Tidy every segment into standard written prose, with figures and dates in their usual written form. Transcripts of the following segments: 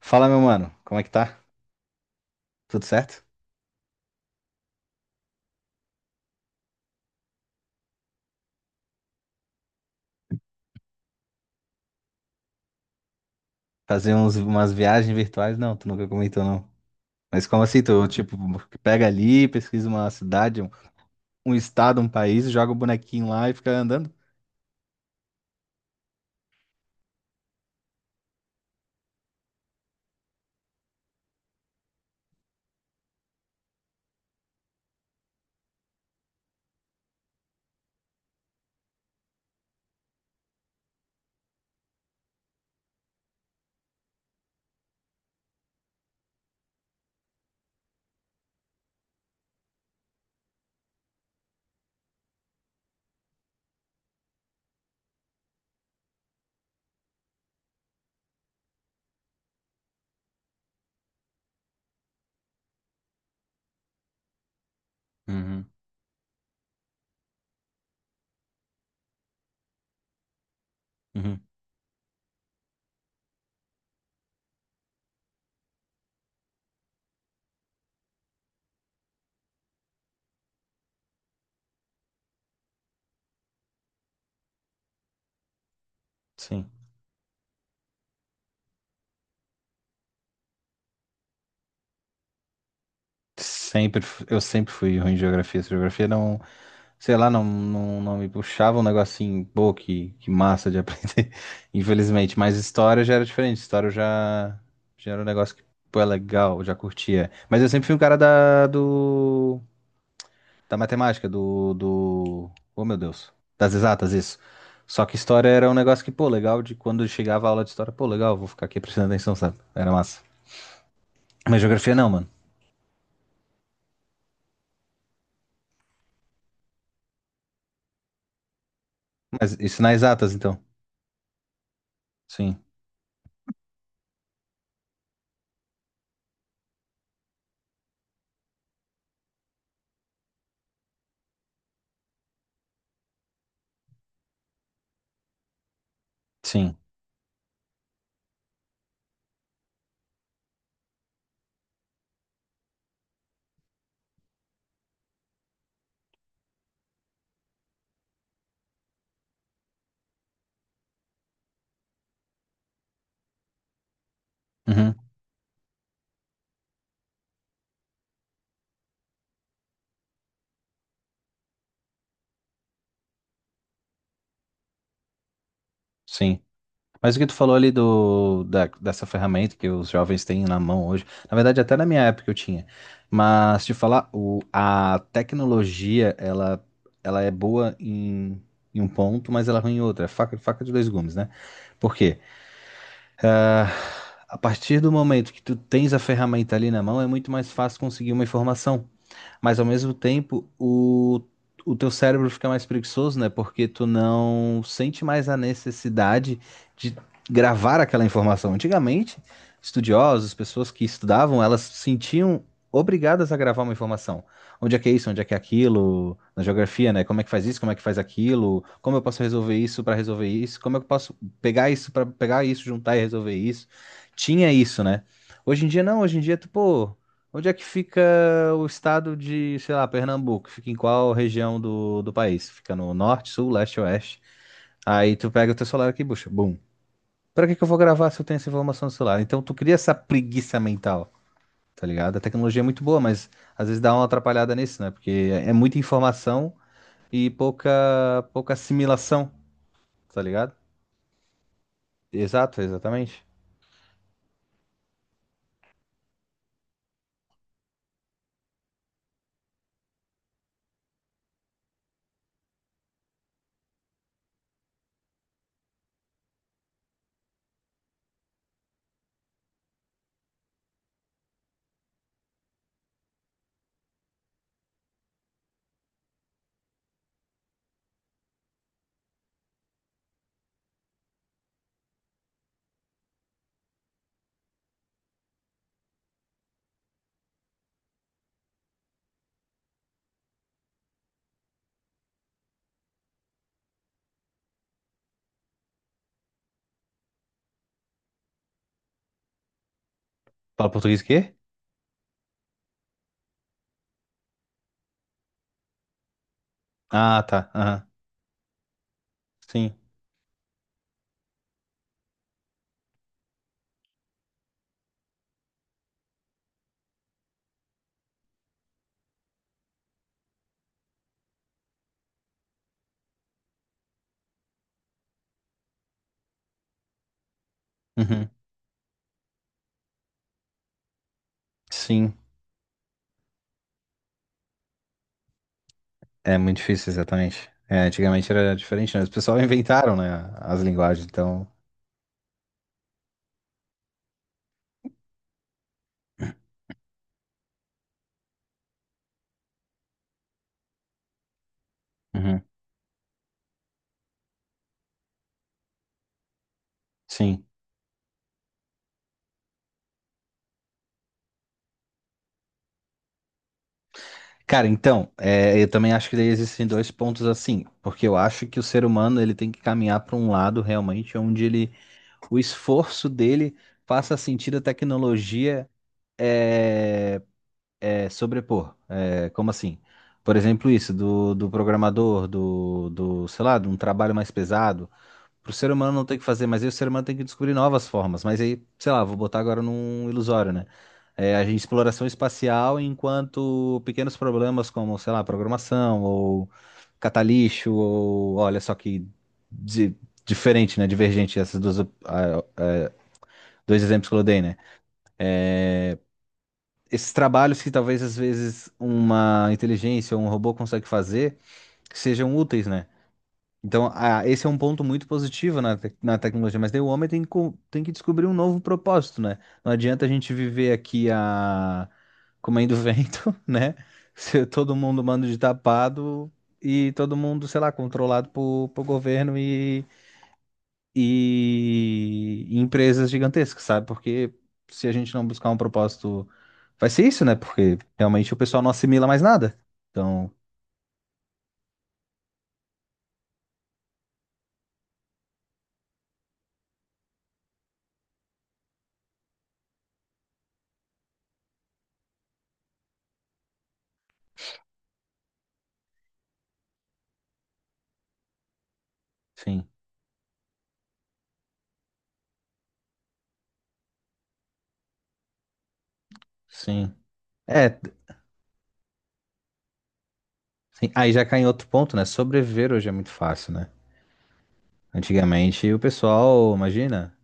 Fala, meu mano, como é que tá? Tudo certo? Fazer uns, umas viagens virtuais? Não, tu nunca comentou, não. Mas como assim? Tu, tipo, pega ali, pesquisa uma cidade, um estado, um país, joga o bonequinho lá e fica andando? Uhum, uhum, sim. Sempre, eu sempre fui ruim em geografia. Essa Geografia não, sei lá, não me puxava um negocinho, pô, que massa de aprender, infelizmente. Mas história já era diferente, já era um negócio que, pô, é legal, eu já curtia. Mas eu sempre fui um cara do da matemática, do... Oh, meu Deus. Das exatas, isso. Só que história era um negócio que, pô, legal de quando chegava a aula de história, pô, legal, vou ficar aqui prestando atenção, sabe? Era massa. Mas geografia não, mano. Mas isso nas exatas, então. Sim, sim. Uhum, sim. Mas o que tu falou ali dessa ferramenta que os jovens têm na mão hoje, na verdade, até na minha época eu tinha. Mas te falar, a tecnologia, ela é boa em, em um ponto, mas ela é ruim em outro. É faca, faca de dois gumes, né? Por quê? A partir do momento que tu tens a ferramenta ali na mão, é muito mais fácil conseguir uma informação, mas ao mesmo tempo o teu cérebro fica mais preguiçoso, né? Porque tu não sente mais a necessidade de gravar aquela informação. Antigamente, estudiosos, pessoas que estudavam, elas se sentiam obrigadas a gravar uma informação. Onde é que é isso? Onde é que é aquilo? Na geografia, né? Como é que faz isso? Como é que faz aquilo? Como eu posso resolver isso para resolver isso? Como eu posso pegar isso para pegar isso, juntar e resolver isso? Tinha isso, né? Hoje em dia não, hoje em dia tu, pô, onde é que fica o estado de, sei lá, Pernambuco? Fica em qual região do país? Fica no norte, sul, leste, oeste? Aí tu pega o teu celular aqui, bucha, bum. Pra que que eu vou gravar se eu tenho essa informação no celular? Então tu cria essa preguiça mental, tá ligado? A tecnologia é muito boa, mas às vezes dá uma atrapalhada nisso, né? Porque é muita informação e pouca, pouca assimilação, tá ligado? Exato, exatamente. Fala português o quê? Ah, tá. Aham. Sim. Uhum. Sim. É muito difícil, exatamente. É, antigamente era diferente, né? Os pessoal inventaram, né, as linguagens, então. Uhum, sim. Cara, então, é, eu também acho que daí existem dois pontos assim, porque eu acho que o ser humano ele tem que caminhar para um lado realmente onde ele, o esforço dele faça sentido a tecnologia é, é, sobrepor. É, como assim? Por exemplo, isso do programador, sei lá, de um trabalho mais pesado. Pro ser humano não tem que fazer, mas aí o ser humano tem que descobrir novas formas. Mas aí, sei lá, vou botar agora num ilusório, né? É, exploração espacial enquanto pequenos problemas como, sei lá, programação ou catalixo ou olha só que di- diferente, né? Divergente essas duas, dois exemplos que eu dei, né? É, esses trabalhos que talvez às vezes uma inteligência ou um robô consegue fazer que sejam úteis, né? Então, ah, esse é um ponto muito positivo na tecnologia, mas daí o homem tem que, tem que descobrir um novo propósito, né? Não adianta a gente viver aqui a... comendo vento, né? Se todo mundo manda de tapado e todo mundo, sei lá, controlado por governo e empresas gigantescas, sabe? Porque se a gente não buscar um propósito, vai ser isso, né? Porque realmente o pessoal não assimila mais nada. Então, sim, sim. É, sim, aí já cai em outro ponto, né? Sobreviver hoje é muito fácil, né? Antigamente o pessoal, imagina,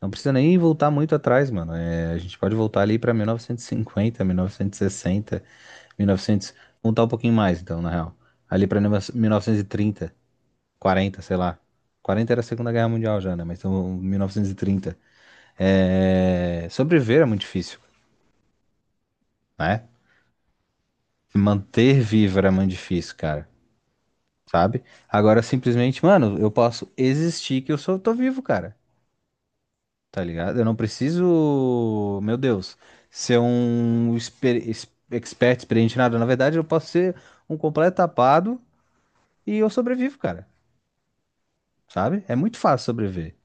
não precisa nem voltar muito atrás, mano. É, a gente pode voltar ali pra 1950, 1960, 1900, voltar um pouquinho mais, então, na real. Ali pra 1930, 40, sei lá. 40 era a Segunda Guerra Mundial já, né? Mas então 1930. É, sobreviver é muito difícil, né? Manter vivo era muito difícil, cara. Sabe? Agora simplesmente, mano, eu posso existir que eu sou, tô vivo, cara, tá ligado? Eu não preciso, meu Deus, ser um expert, experiente em nada. Na verdade, eu posso ser um completo tapado e eu sobrevivo, cara, sabe? É muito fácil sobreviver.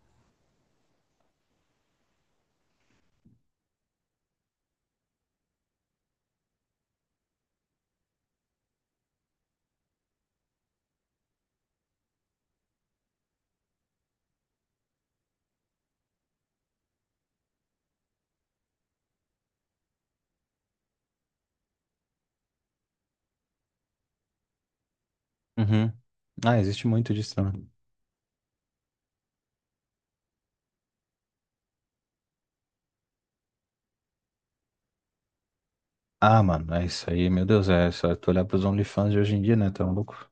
Uhum. Ah, existe muito disso também. Ah, mano, é isso aí, meu Deus, é só tu olhar pros OnlyFans de hoje em dia, né? Tá louco?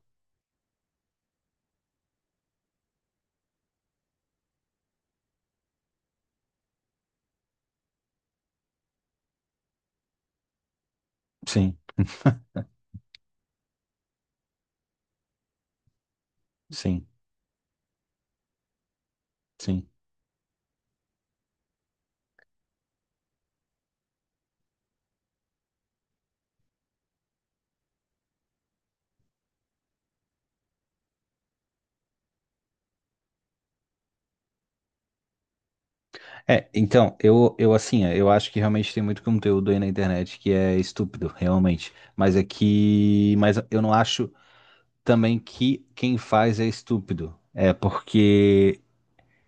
Sim, sim, sim. É, então, eu assim, é, eu acho que realmente tem muito conteúdo aí na internet que é estúpido, realmente. Mas é que. Mas eu não acho também que quem faz é estúpido. É porque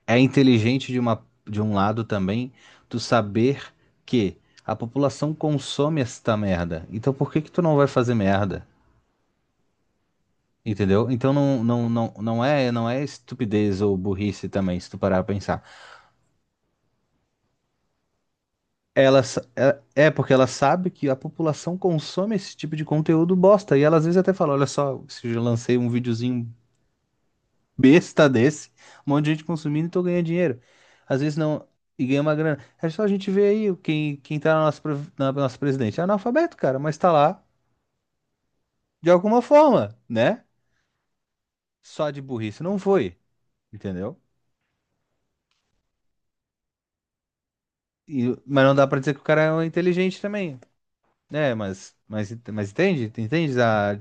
é inteligente de uma, de um lado também tu saber que a população consome esta merda. Então por que que tu não vai fazer merda? Entendeu? Então não é, não é estupidez ou burrice também, se tu parar a pensar. Ela, sa- É é porque ela sabe que a população consome esse tipo de conteúdo bosta. E ela às vezes até fala: Olha só, se eu lancei um videozinho besta desse, um monte de gente consumindo e tô ganhando dinheiro. Às vezes não, e ganha uma grana. É só a gente ver aí quem tá na nossa presidente. É analfabeto, cara, mas tá lá de alguma forma, né? Só de burrice não foi, entendeu? E, mas não dá pra dizer que o cara é inteligente também. É, mas entende? Entende? A,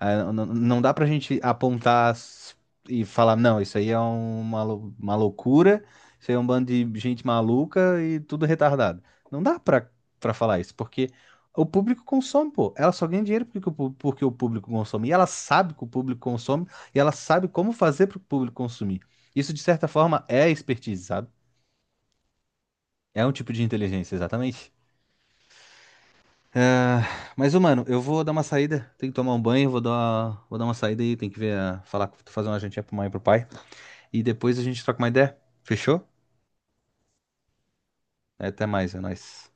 a- Não, não dá pra gente apontar s- e falar, não, isso aí é uma, uma loucura, isso aí é um bando de gente maluca e tudo retardado. Não dá pra, pra falar isso, porque o público consome, pô. Ela só ganha dinheiro porque porque o público consome. E ela sabe que o público consome, e ela sabe como fazer pro público consumir. Isso, de certa forma, é expertise, sabe? É um tipo de inteligência, exatamente. Ah, mas, ô, mano, eu vou dar uma saída. Tenho que tomar um banho, vou dar uma saída aí. Tem que ver, falar, fazer uma jantinha pra mãe e pro pai. E depois a gente troca uma ideia. Fechou? Até mais, é nóis.